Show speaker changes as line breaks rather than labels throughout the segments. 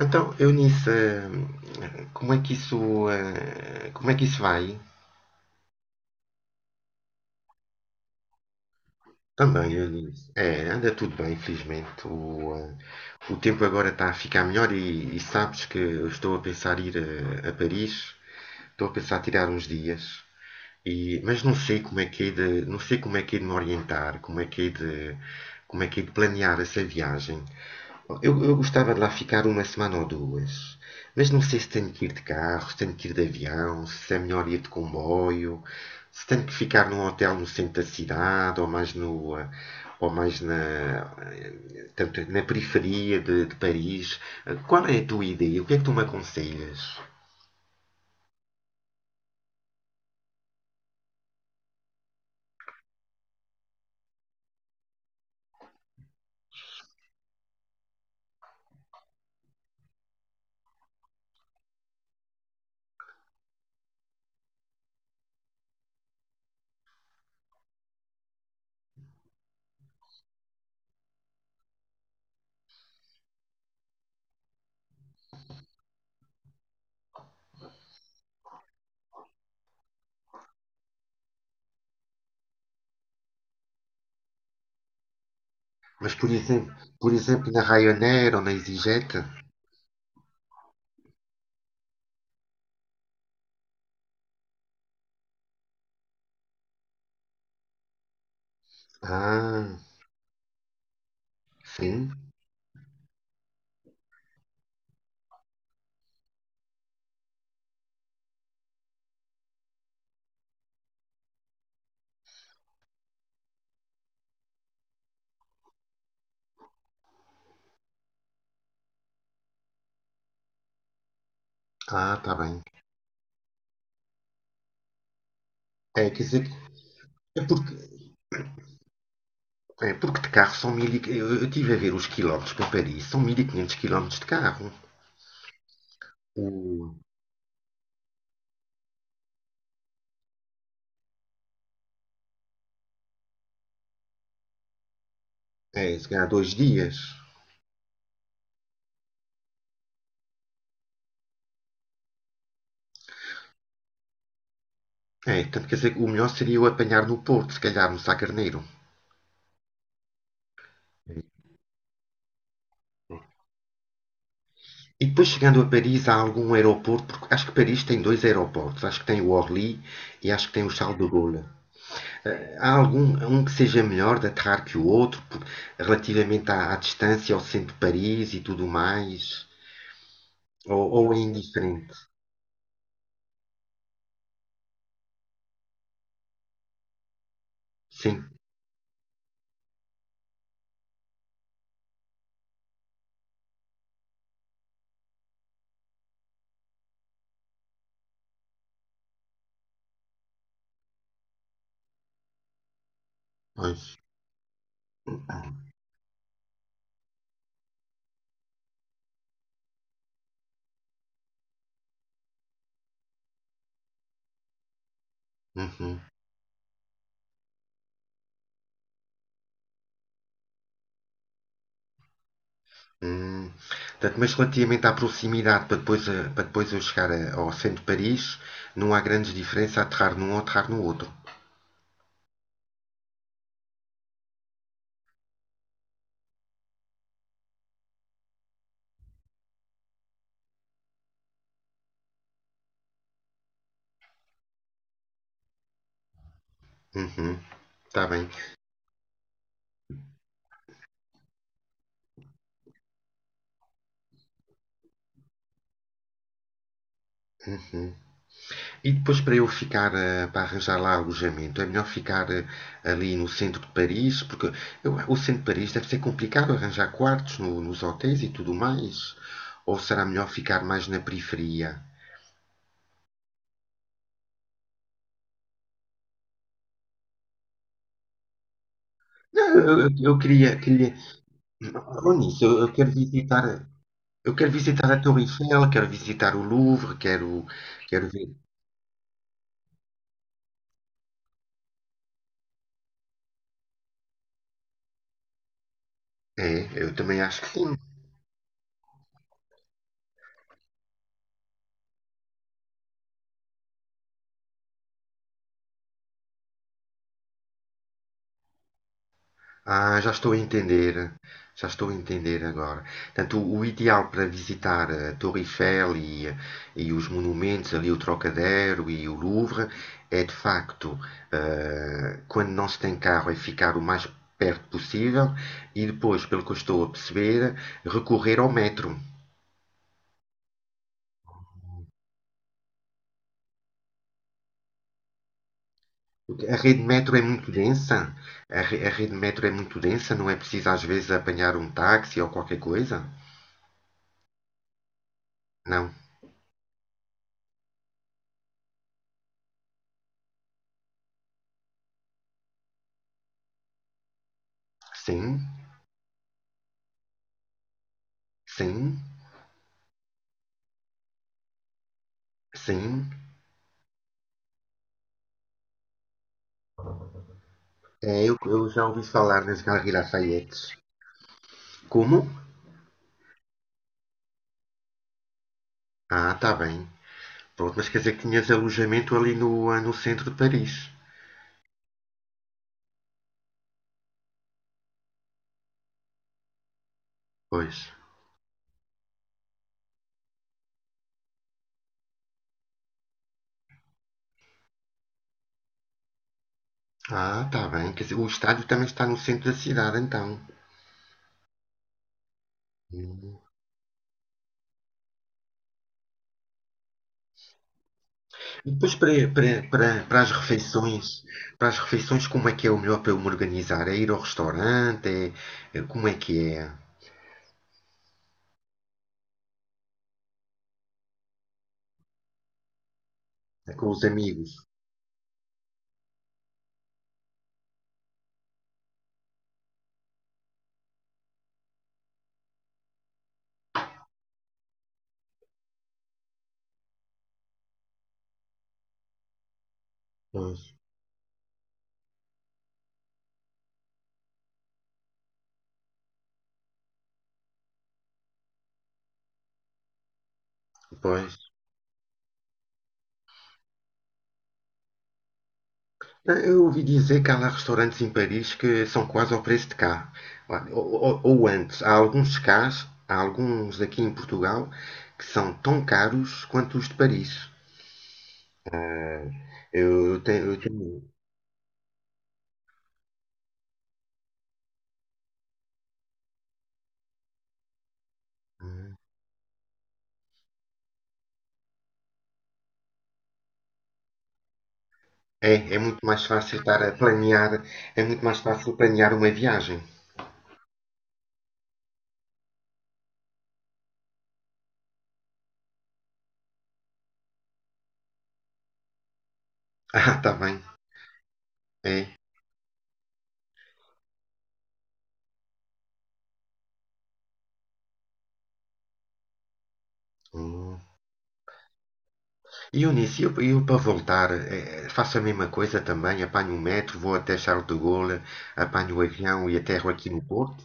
Então, Eunice, como é que isso, como é que isso vai? Também, Eunice. É, anda tudo bem, felizmente. O tempo agora está a ficar melhor e sabes que eu estou a pensar ir a Paris. Estou a pensar tirar uns dias. Mas não sei como é que é de, não sei como é que é de me orientar, como é que é de, como é que é de planear essa viagem. Eu gostava de lá ficar uma semana ou duas, mas não sei se tenho que ir de carro, se tenho que ir de avião, se é melhor ir de comboio, se tenho que ficar num hotel no centro da cidade ou mais no, ou mais na, tanto na periferia de Paris. Qual é a tua ideia? O que é que tu me aconselhas? Mas, por exemplo, na Ryanair ou na EasyJet? Ah, sim. Ah, tá bem. É, quer dizer, é porque, é porque de carro são 1.000. Eu tive a ver os quilómetros para Paris, são 1.500 quilómetros de carro. O, É, se calhar 2 dias. É, portanto, quer dizer, o melhor seria eu apanhar no Porto, se calhar no Sá Carneiro. E depois chegando a Paris, há algum aeroporto, porque acho que Paris tem dois aeroportos, acho que tem o Orly e acho que tem o Charles de Gaulle. Há algum um que seja melhor de aterrar que o outro, relativamente à distância ao centro de Paris e tudo mais? Ou é indiferente. Sim, pois. Uhum. Hum. Portanto, mas relativamente à proximidade, para depois, para depois eu chegar ao centro de Paris, não há grandes diferenças a aterrar num ou aterrar no outro. Uhum. Está bem. Uhum. E depois para eu ficar, para arranjar lá alojamento, é melhor ficar ali no centro de Paris, porque o centro de Paris deve ser complicado arranjar quartos nos hotéis e tudo mais. Ou será melhor ficar mais na periferia? Não, eu queria, não nisso, eu quero visitar, eu quero visitar a Torre Eiffel, quero visitar o Louvre, quero, ver. É, eu também acho que sim. Ah, já estou a entender. Já estou a entender agora. Portanto, o ideal para visitar a Torre Eiffel e os monumentos, ali o Trocadéro e o Louvre, é de facto, quando não se tem carro, é ficar o mais perto possível e depois, pelo que eu estou a perceber, recorrer ao metro. A rede metro é muito densa? A rede metro é muito densa? Não é preciso às vezes apanhar um táxi ou qualquer coisa? Não. Sim, sim, sim. É, eu já ouvi falar nas Galeries Lafayette. Como? Ah, tá bem. Pronto, mas quer dizer que tinhas alojamento ali no, no centro de Paris. Pois. Ah, tá bem. Quer dizer, o estádio também está no centro da cidade, então. Hum. E depois para as refeições, como é que é o melhor para eu me organizar? É ir ao restaurante? É, como é que é? É com os amigos? Pois, pois. Eu ouvi dizer que há lá restaurantes em Paris que são quase ao preço de cá. Olha, ou antes, há alguns aqui em Portugal que são tão caros quanto os de Paris. Ah, eu tenho, eu tenho- um. É, é muito mais fácil estar a planear, é muito mais fácil planear uma viagem. Ah, tá bem. É. Hum. E Eunice, eu para voltar, faço a mesma coisa também, apanho o metro, vou até Charles de Gaulle, apanho o avião e aterro aqui no Porto.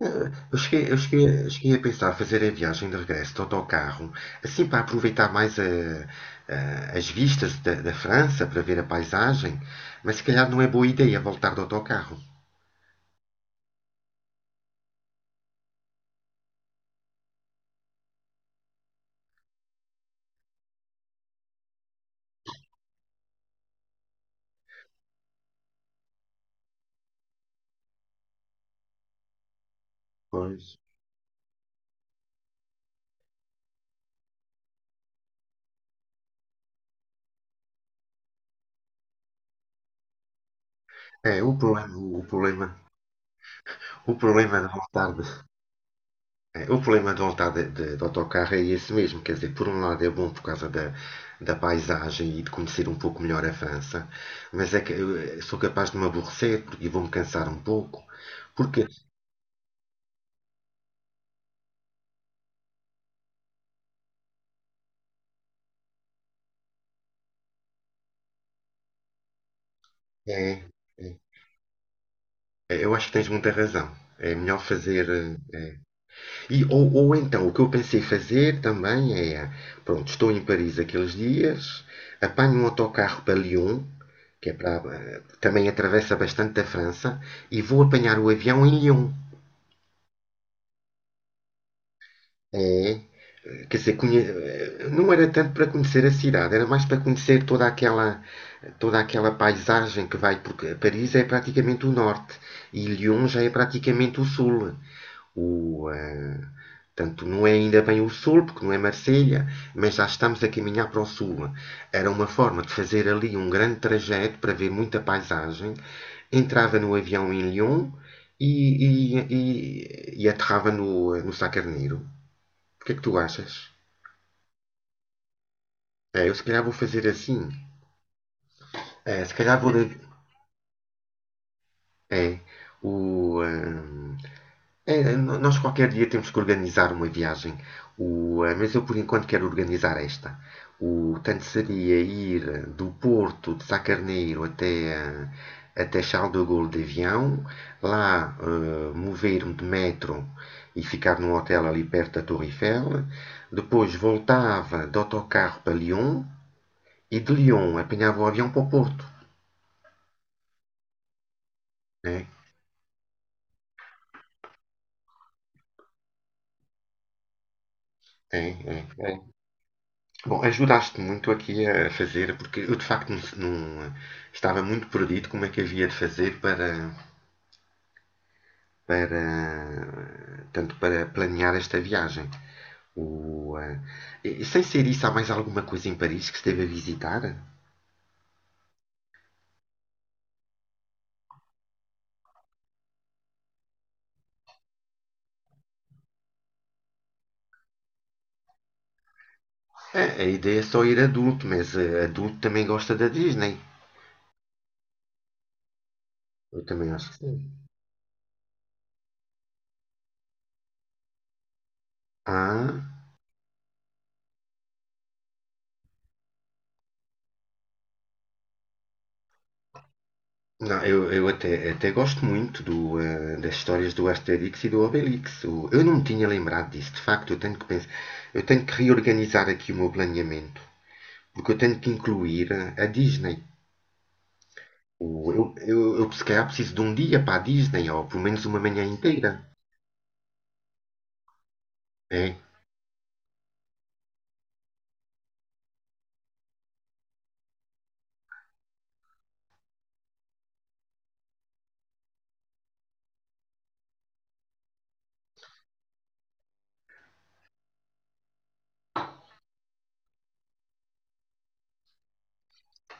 Eh, eu cheguei a pensar fazer a viagem de regresso de autocarro, assim para aproveitar mais as vistas da França, para ver a paisagem, mas se calhar não é boa ideia voltar de autocarro. Pois. É, o problema, o problema de voltar é, o problema de voltar de, de autocarro é esse mesmo, quer dizer, por um lado é bom por causa da paisagem e de conhecer um pouco melhor a França, mas é que eu sou capaz de me aborrecer e vou-me cansar um pouco, porque é, é, eu acho que tens muita razão. É melhor fazer. É. Ou então, o que eu pensei fazer também é: pronto, estou em Paris aqueles dias, apanho um autocarro para Lyon, que é para, também atravessa bastante a França, e vou apanhar o avião em Lyon. É, quer dizer, não era tanto para conhecer a cidade, era mais para conhecer toda aquela paisagem que vai, porque Paris é praticamente o norte e Lyon já é praticamente o sul. O, eh, Tanto não é ainda bem o sul, porque não é Marselha, mas já estamos a caminhar para o sul. Era uma forma de fazer ali um grande trajeto para ver muita paisagem. Entrava no avião em Lyon e, e, e aterrava no Sá Carneiro. O que é que tu achas? É, eu se calhar vou fazer assim. É, se calhar vou. É, o, hum, é, nós qualquer dia temos que organizar uma viagem. Mas eu por enquanto quero organizar esta. O Tanto seria ir do Porto de Sacarneiro até, Charles de Gaulle de avião, lá mover-me de metro e ficar num hotel ali perto da Torre Eiffel. Depois voltava de autocarro para Lyon, e de Lyon apanhava o avião para o Porto, né? É, é, é. Bom, ajudaste muito aqui a fazer, porque eu de facto não, não- estava muito perdido como é que havia de fazer para, para tanto para planear esta viagem. O, eh, Sem ser isso, há mais alguma coisa em Paris que esteve a visitar? É, a ideia é só ir adulto, mas adulto também gosta da Disney. Eu também acho que sim. Ah, não, até gosto muito do, das histórias do Asterix e do Obelix. Eu não me tinha lembrado disso. De facto, eu tenho que pensar, eu tenho que reorganizar aqui o meu planeamento, porque eu tenho que incluir a Disney. Eu se calhar preciso de um dia para a Disney, ou pelo menos uma manhã inteira. É,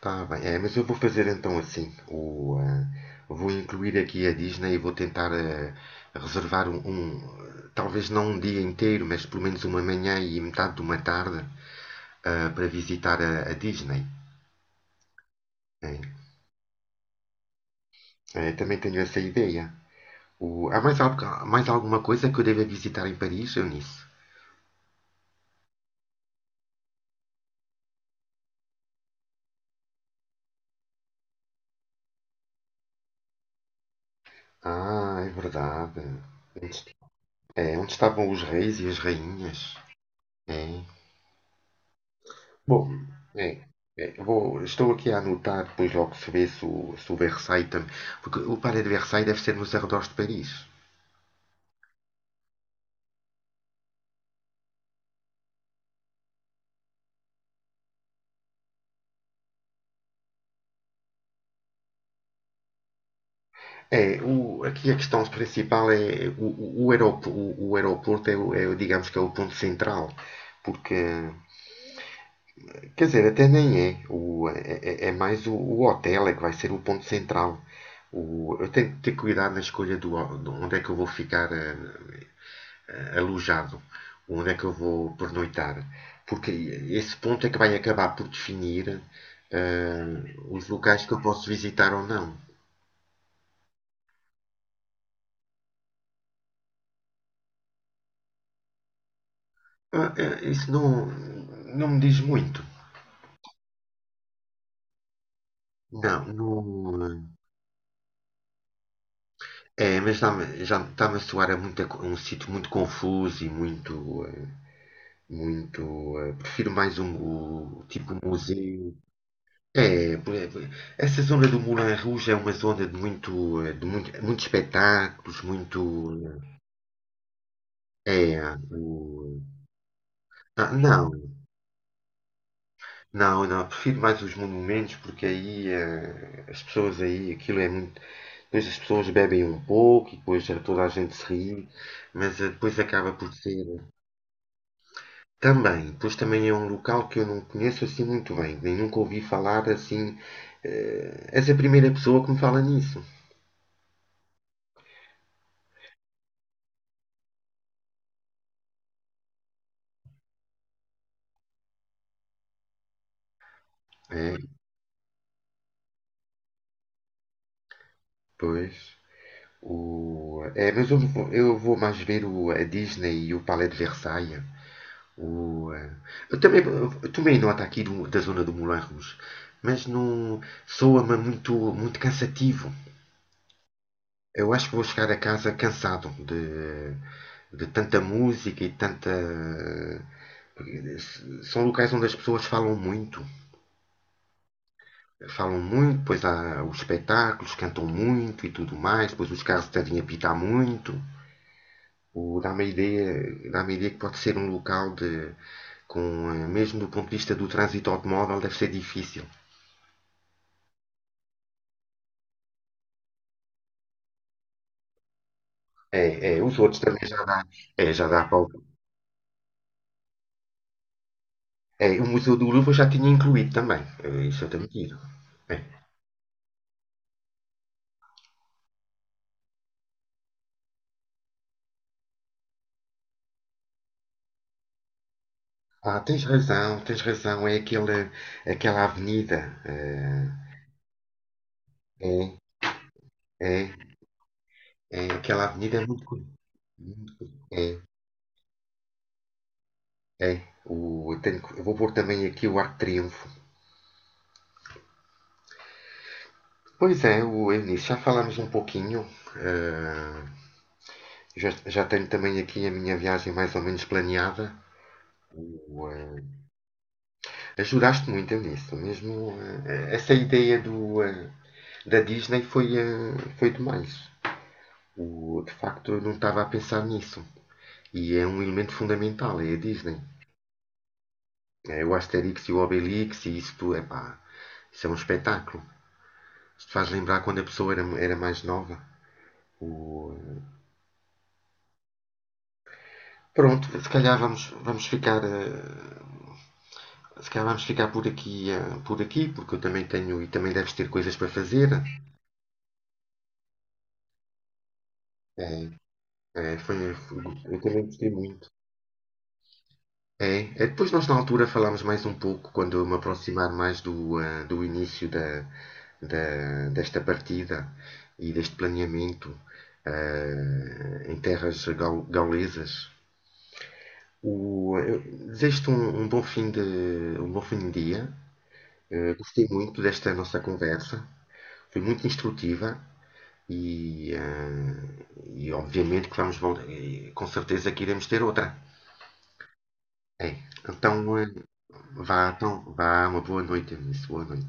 tá bem. É, mas eu vou fazer então assim. Vou incluir aqui a Disney e vou tentar reservar talvez não um dia inteiro, mas pelo menos uma manhã e metade de uma tarde para visitar a Disney. Né? Também tenho essa ideia. Há mais, mais alguma coisa que eu deva visitar em Paris, Eunice? Ah, é verdade. É, onde estavam os reis e as rainhas? É. Bom, é, é, estou aqui a anotar, depois logo se vê se o, Versailles também. Porque o Palais de Versailles deve ser nos arredores de Paris. É, aqui a questão principal é o, o aeroporto, o aeroporto é, é digamos que é o ponto central, porque quer dizer, até nem é. É, é mais o hotel é que vai ser o ponto central. Eu tenho que ter cuidado na escolha do, onde é que eu vou ficar alojado, onde é que eu vou pernoitar, porque esse ponto é que vai acabar por definir os locais que eu posso visitar ou não. Ah, isso não, não me diz muito. Não, não, é, mas dá já está-me a soar a muita um sítio muito confuso e muito. Muito. Prefiro mais um tipo museu. É, essa zona do Moulin Rouge é uma zona de muito, de muito, muitos espetáculos, muito. É, o- não, não, não, prefiro mais os monumentos porque aí as pessoas aí, aquilo é muito. Depois as pessoas bebem um pouco e depois toda a gente se ri, mas depois acaba por ser. Também, pois também é um local que eu não conheço assim muito bem, nem nunca ouvi falar assim. És a primeira pessoa que me fala nisso. É, pois. É, mas eu vou mais ver o, a Disney e o Palais de Versailles. O, eh, eu também eu tomei nota aqui da zona do Moulin Rouge, mas não soa-me muito, muito cansativo. Eu acho que vou chegar a casa cansado de, tanta música e tanta, são locais onde as pessoas falam muito. Falam muito, pois há os espetáculos, cantam muito e tudo mais, pois os carros devem apitar muito. O Dá-me a ideia, dá-me a ideia que pode ser um local de, com, mesmo do ponto de vista do trânsito automóvel, deve ser difícil. É, é, os outros também já dá, é, já dá para o, é, o Museu do Louvre eu já tinha incluído também, isso eu tenho que ir. É. Ah, tens razão, é aquela, aquela avenida, eh, é, é, é, aquela avenida é muito, é, é, eu, eu vou pôr também aqui o Arco de Triunfo. Pois é, o Eunice, já falámos um pouquinho. eh, já tenho também aqui a minha viagem mais ou menos planeada. O, eh, Ajudaste muito, Eunice. Mesmo, essa ideia do, da Disney foi, foi demais. De facto, eu não estava a pensar nisso. E é um elemento fundamental, é a Disney. É o Asterix e o Obelix e isso tudo, epá, isso é um espetáculo. Isto faz lembrar quando a pessoa era, era mais nova. O, Pronto, se calhar vamos, vamos ficar. Eh, se calhar vamos ficar por aqui, por aqui, porque eu também tenho e também deves ter coisas para fazer. É, é, foi, eu também gostei muito. É, é, depois nós na altura falámos mais um pouco quando eu me aproximar mais do, início da, desta partida e deste planeamento em terras gaulesas. Eu desejo-te um bom fim de dia. Gostei muito desta nossa conversa. Foi muito instrutiva e, eh, e obviamente que vamos voltar, e com certeza que iremos ter outra. É, então, vá, então, vá, uma boa noite, Eunice. Boa noite.